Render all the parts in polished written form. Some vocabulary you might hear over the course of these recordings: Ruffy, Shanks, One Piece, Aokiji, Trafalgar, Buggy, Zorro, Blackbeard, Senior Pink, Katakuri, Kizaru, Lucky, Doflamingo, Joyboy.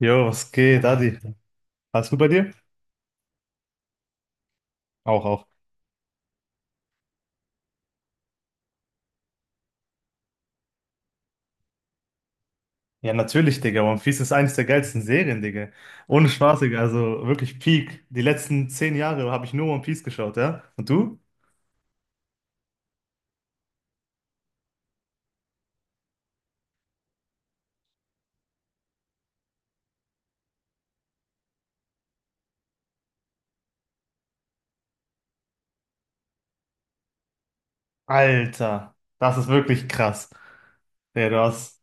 Jo, was geht, Adi? Alles gut bei dir? Auch, auch. Ja, natürlich, Digga. One Piece ist eines der geilsten Serien, Digga. Ohne Spaß, Digga. Also wirklich Peak. Die letzten zehn Jahre habe ich nur One Piece geschaut, ja? Und du? Alter, das ist wirklich krass. Digga, du hast.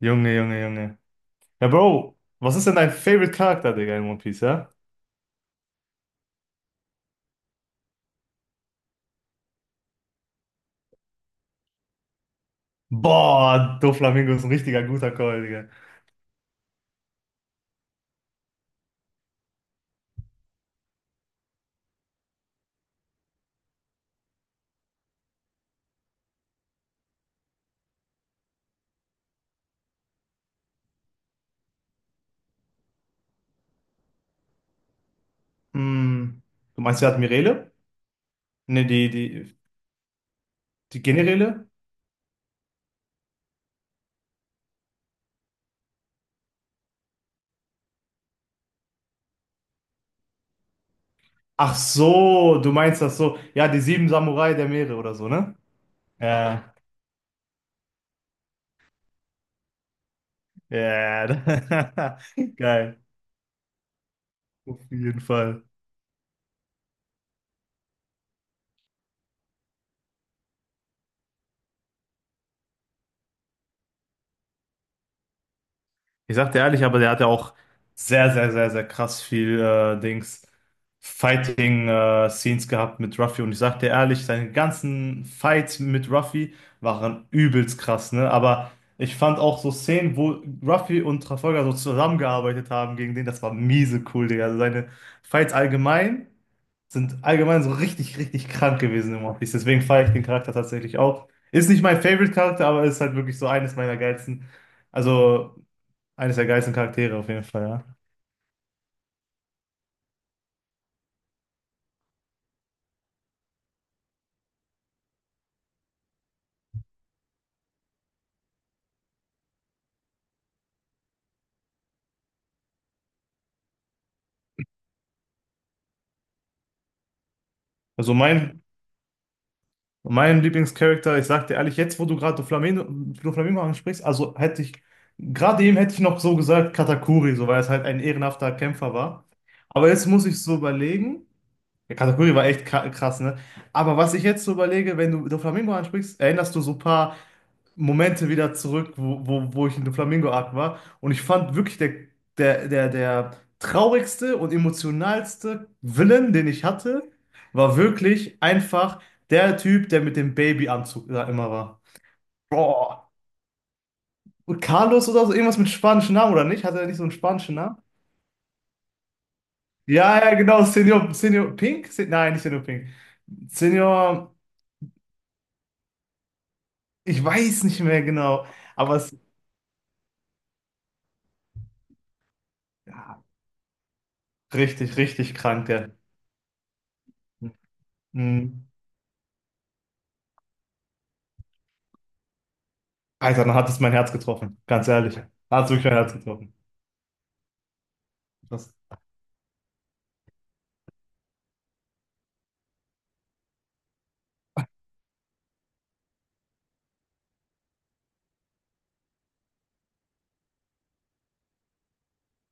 Junge, Junge, Junge. Ja, Bro, was ist denn dein Favorite Charakter, Digga, in One Piece, ja? Boah, Doflamingo ist ein richtiger guter Call, Digga. Hm. Du meinst, wer hat Mirele? Ne, die Generäle? Ach so, du meinst das so. Ja, die sieben Samurai der Meere oder so, ne? Ja, ja. Geil. Auf jeden Fall. Ich sag dir ehrlich, aber der hat ja auch sehr, sehr, sehr, sehr krass viel Dings Fighting Scenes gehabt mit Ruffy. Und ich sag dir ehrlich, seine ganzen Fights mit Ruffy waren übelst krass, ne? Aber ich fand auch so Szenen, wo Ruffy und Trafalgar so zusammengearbeitet haben gegen den, das war miese cool, Digga. Also seine Fights allgemein sind allgemein so richtig, richtig krank gewesen im One Piece. Deswegen feiere ich den Charakter tatsächlich auch. Ist nicht mein Favorite-Charakter, aber ist halt wirklich so eines meiner geilsten, also eines der geilsten Charaktere auf jeden Fall, ja. Also mein Lieblingscharakter, ich sag dir ehrlich, jetzt wo du gerade Doflamingo ansprichst, also hätte ich, gerade eben hätte ich noch so gesagt Katakuri, so weil es halt ein ehrenhafter Kämpfer war. Aber jetzt muss ich so überlegen, ja, Katakuri war echt krass, ne? Aber was ich jetzt so überlege, wenn du Doflamingo ansprichst, erinnerst du so ein paar Momente wieder zurück, wo ich in der Flamingo-Art war. Und ich fand wirklich der traurigste und emotionalste Villain, den ich hatte, war wirklich einfach der Typ, der mit dem Babyanzug da immer war. Boah. Und Carlos oder so, irgendwas mit spanischen Namen oder nicht? Hatte er nicht so einen spanischen Namen? Ja, ja, genau, Senior, Senior Pink? Se Nein, nicht Senior Pink. Senior, ich weiß nicht mehr genau, aber es, ja, richtig, richtig krank, der. Mhm. Alter, dann hat es mein Herz getroffen. Ganz ehrlich. Hat es wirklich mein Herz getroffen. Das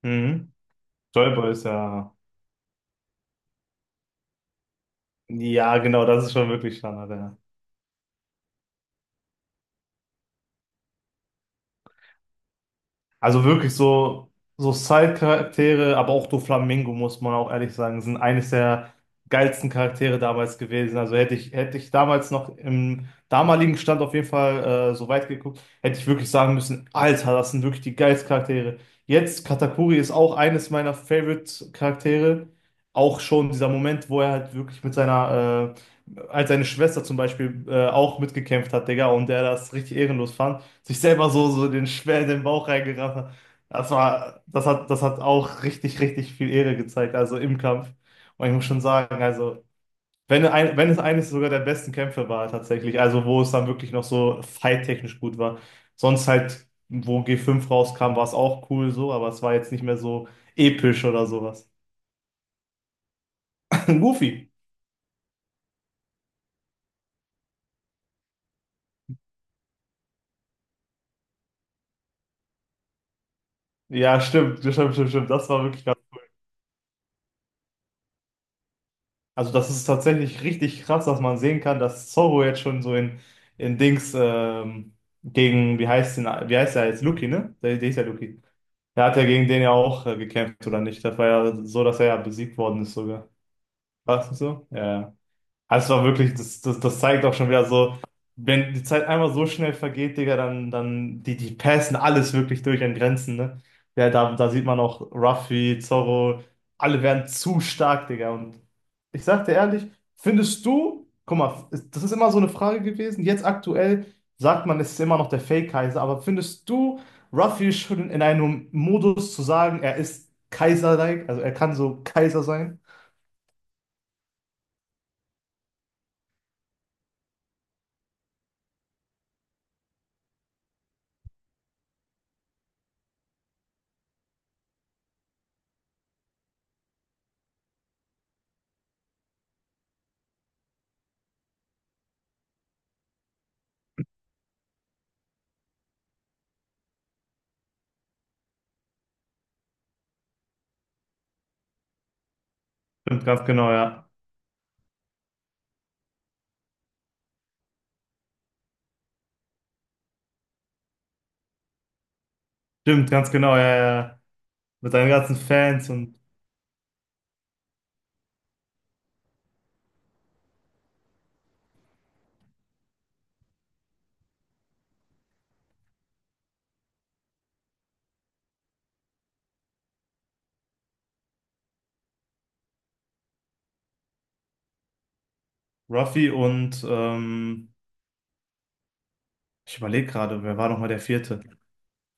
Mhm. Joyboy ist ja. Ja, genau, das ist schon wirklich Standard, ja. Also wirklich so, so Side-Charaktere, aber auch Doflamingo, muss man auch ehrlich sagen, sind eines der geilsten Charaktere damals gewesen. Also hätte ich damals noch im damaligen Stand auf jeden Fall so weit geguckt, hätte ich wirklich sagen müssen, Alter, das sind wirklich die geilsten Charaktere. Jetzt, Katakuri ist auch eines meiner Favorite-Charaktere. Auch schon dieser Moment, wo er halt wirklich mit seiner, als seine Schwester zum Beispiel auch mitgekämpft hat, Digga, und er das richtig ehrenlos fand sich selber so, so den schwer in den Bauch reingerafft hat. Das war, das hat auch richtig, richtig viel Ehre gezeigt, also im Kampf. Und ich muss schon sagen, also, wenn, ein, wenn es eines sogar der besten Kämpfe war, tatsächlich, also wo es dann wirklich noch so fight-technisch gut war. Sonst halt, wo G5 rauskam, war es auch cool so, aber es war jetzt nicht mehr so episch oder sowas. Goofy. Ja, stimmt, stimmt, stimmt, stimmt. Das war wirklich. Also das ist tatsächlich richtig krass, dass man sehen kann, dass Zorro jetzt schon so in Dings gegen, wie heißt den, wie heißt der jetzt? Lucky, ne? Der ist ja Lucky. Der hat ja gegen den ja auch gekämpft, oder nicht? Das war ja so, dass er ja besiegt worden ist sogar. War es nicht so? Ja, ja. Also es war wirklich, das zeigt auch schon wieder so, wenn die Zeit einmal so schnell vergeht, Digga, dann, dann die passen alles wirklich durch an Grenzen, ne? Ja, da, da sieht man auch Ruffy, Zorro, alle werden zu stark, Digga. Und ich sag dir ehrlich, findest du, guck mal, das ist immer so eine Frage gewesen, jetzt aktuell sagt man, es ist immer noch der Fake-Kaiser, aber findest du Ruffy schon in einem Modus zu sagen, er ist Kaiser-like, also er kann so Kaiser sein? Stimmt, ganz genau, ja. Stimmt, ganz genau, ja, ja. Mit seinen ganzen Fans und Ruffy und ich überlege gerade, wer war nochmal der Vierte?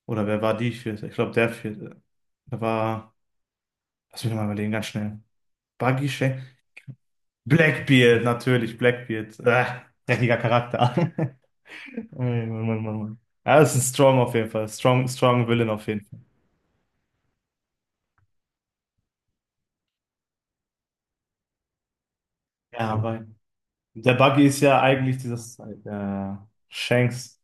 Oder wer war die Vierte? Ich glaube, der Vierte. Da war, lass mich noch mal überlegen, ganz schnell. Buggy Shane? Blackbeard, natürlich, Blackbeard. Dreckiger Charakter. Mann, Mann, Mann, Mann. Ja, das ist ein Strong auf jeden Fall. Strong, strong Villain auf jeden Fall. Ja, aber der Buggy ist ja eigentlich dieses Shanks.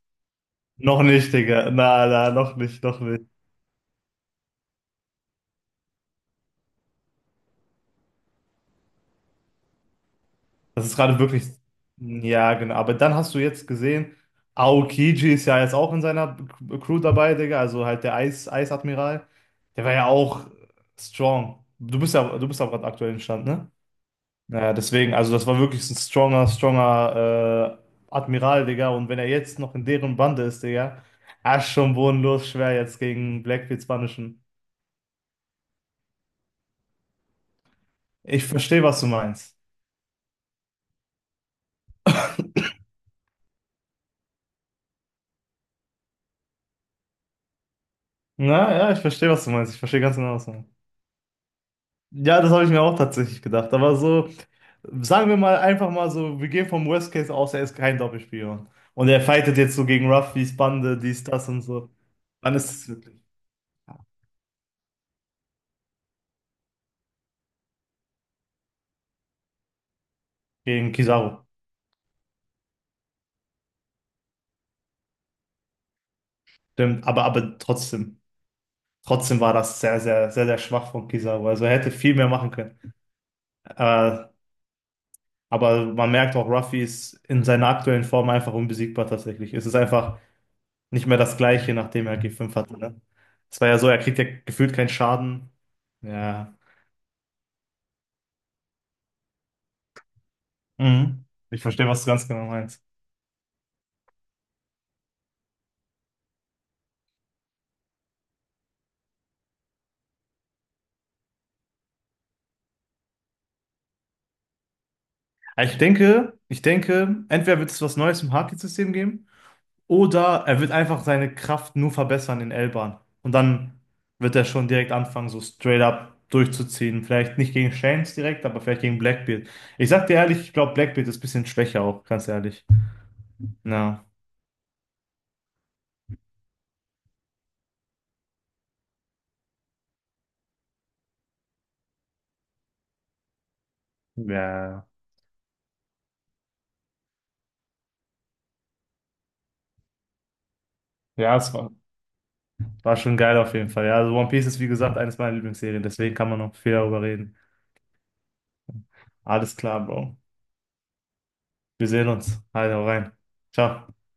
Noch nicht, Digga. Na, na, noch nicht, noch nicht. Das ist gerade wirklich, ja, genau. Aber dann hast du jetzt gesehen, Aokiji ist ja jetzt auch in seiner Crew dabei, Digga. Also halt der Eis, Eisadmiral. Der war ja auch strong. Du bist ja, du bist auch gerade aktuell im Stand, ne? Naja, deswegen, also das war wirklich ein stronger, stronger Admiral, Digga. Und wenn er jetzt noch in deren Bande ist, Digga, ah, ist schon bodenlos schwer jetzt gegen Blackbeard Spanischen. Ich verstehe, was du meinst. Na, ja, ich verstehe, was du meinst. Ich verstehe ganz genau, was du meinst. Ja, das habe ich mir auch tatsächlich gedacht. Aber so, sagen wir mal einfach mal so, wir gehen vom Worst Case aus, er ist kein Doppelspion. Und er fightet jetzt so gegen Ruffys Bande, dies, das und so. Dann ist es wirklich gegen Kizaru. Stimmt, aber trotzdem. Trotzdem war das sehr, sehr, sehr, sehr schwach von Kizaru. Also er hätte viel mehr machen können. Äh, aber man merkt auch, Ruffy ist in seiner aktuellen Form einfach unbesiegbar tatsächlich. Es ist einfach nicht mehr das Gleiche, nachdem er G5 hatte, ne? Es war ja so, er kriegt ja gefühlt keinen Schaden. Ja. Mhm. Ich verstehe, was du ganz genau meinst. Aber ich denke, entweder wird es was Neues im Haki-System geben, oder er wird einfach seine Kraft nur verbessern in L-Bahn. Und dann wird er schon direkt anfangen, so straight up durchzuziehen. Vielleicht nicht gegen Shanks direkt, aber vielleicht gegen Blackbeard. Ich sag dir ehrlich, ich glaube, Blackbeard ist ein bisschen schwächer auch, ganz ehrlich. Na, ja. Ja, es war, war schon geil auf jeden Fall. Ja, also One Piece ist, wie gesagt, eines meiner Lieblingsserien, deswegen kann man noch viel darüber reden. Alles klar, Bro. Wir sehen uns. Halt, hau rein. Ciao.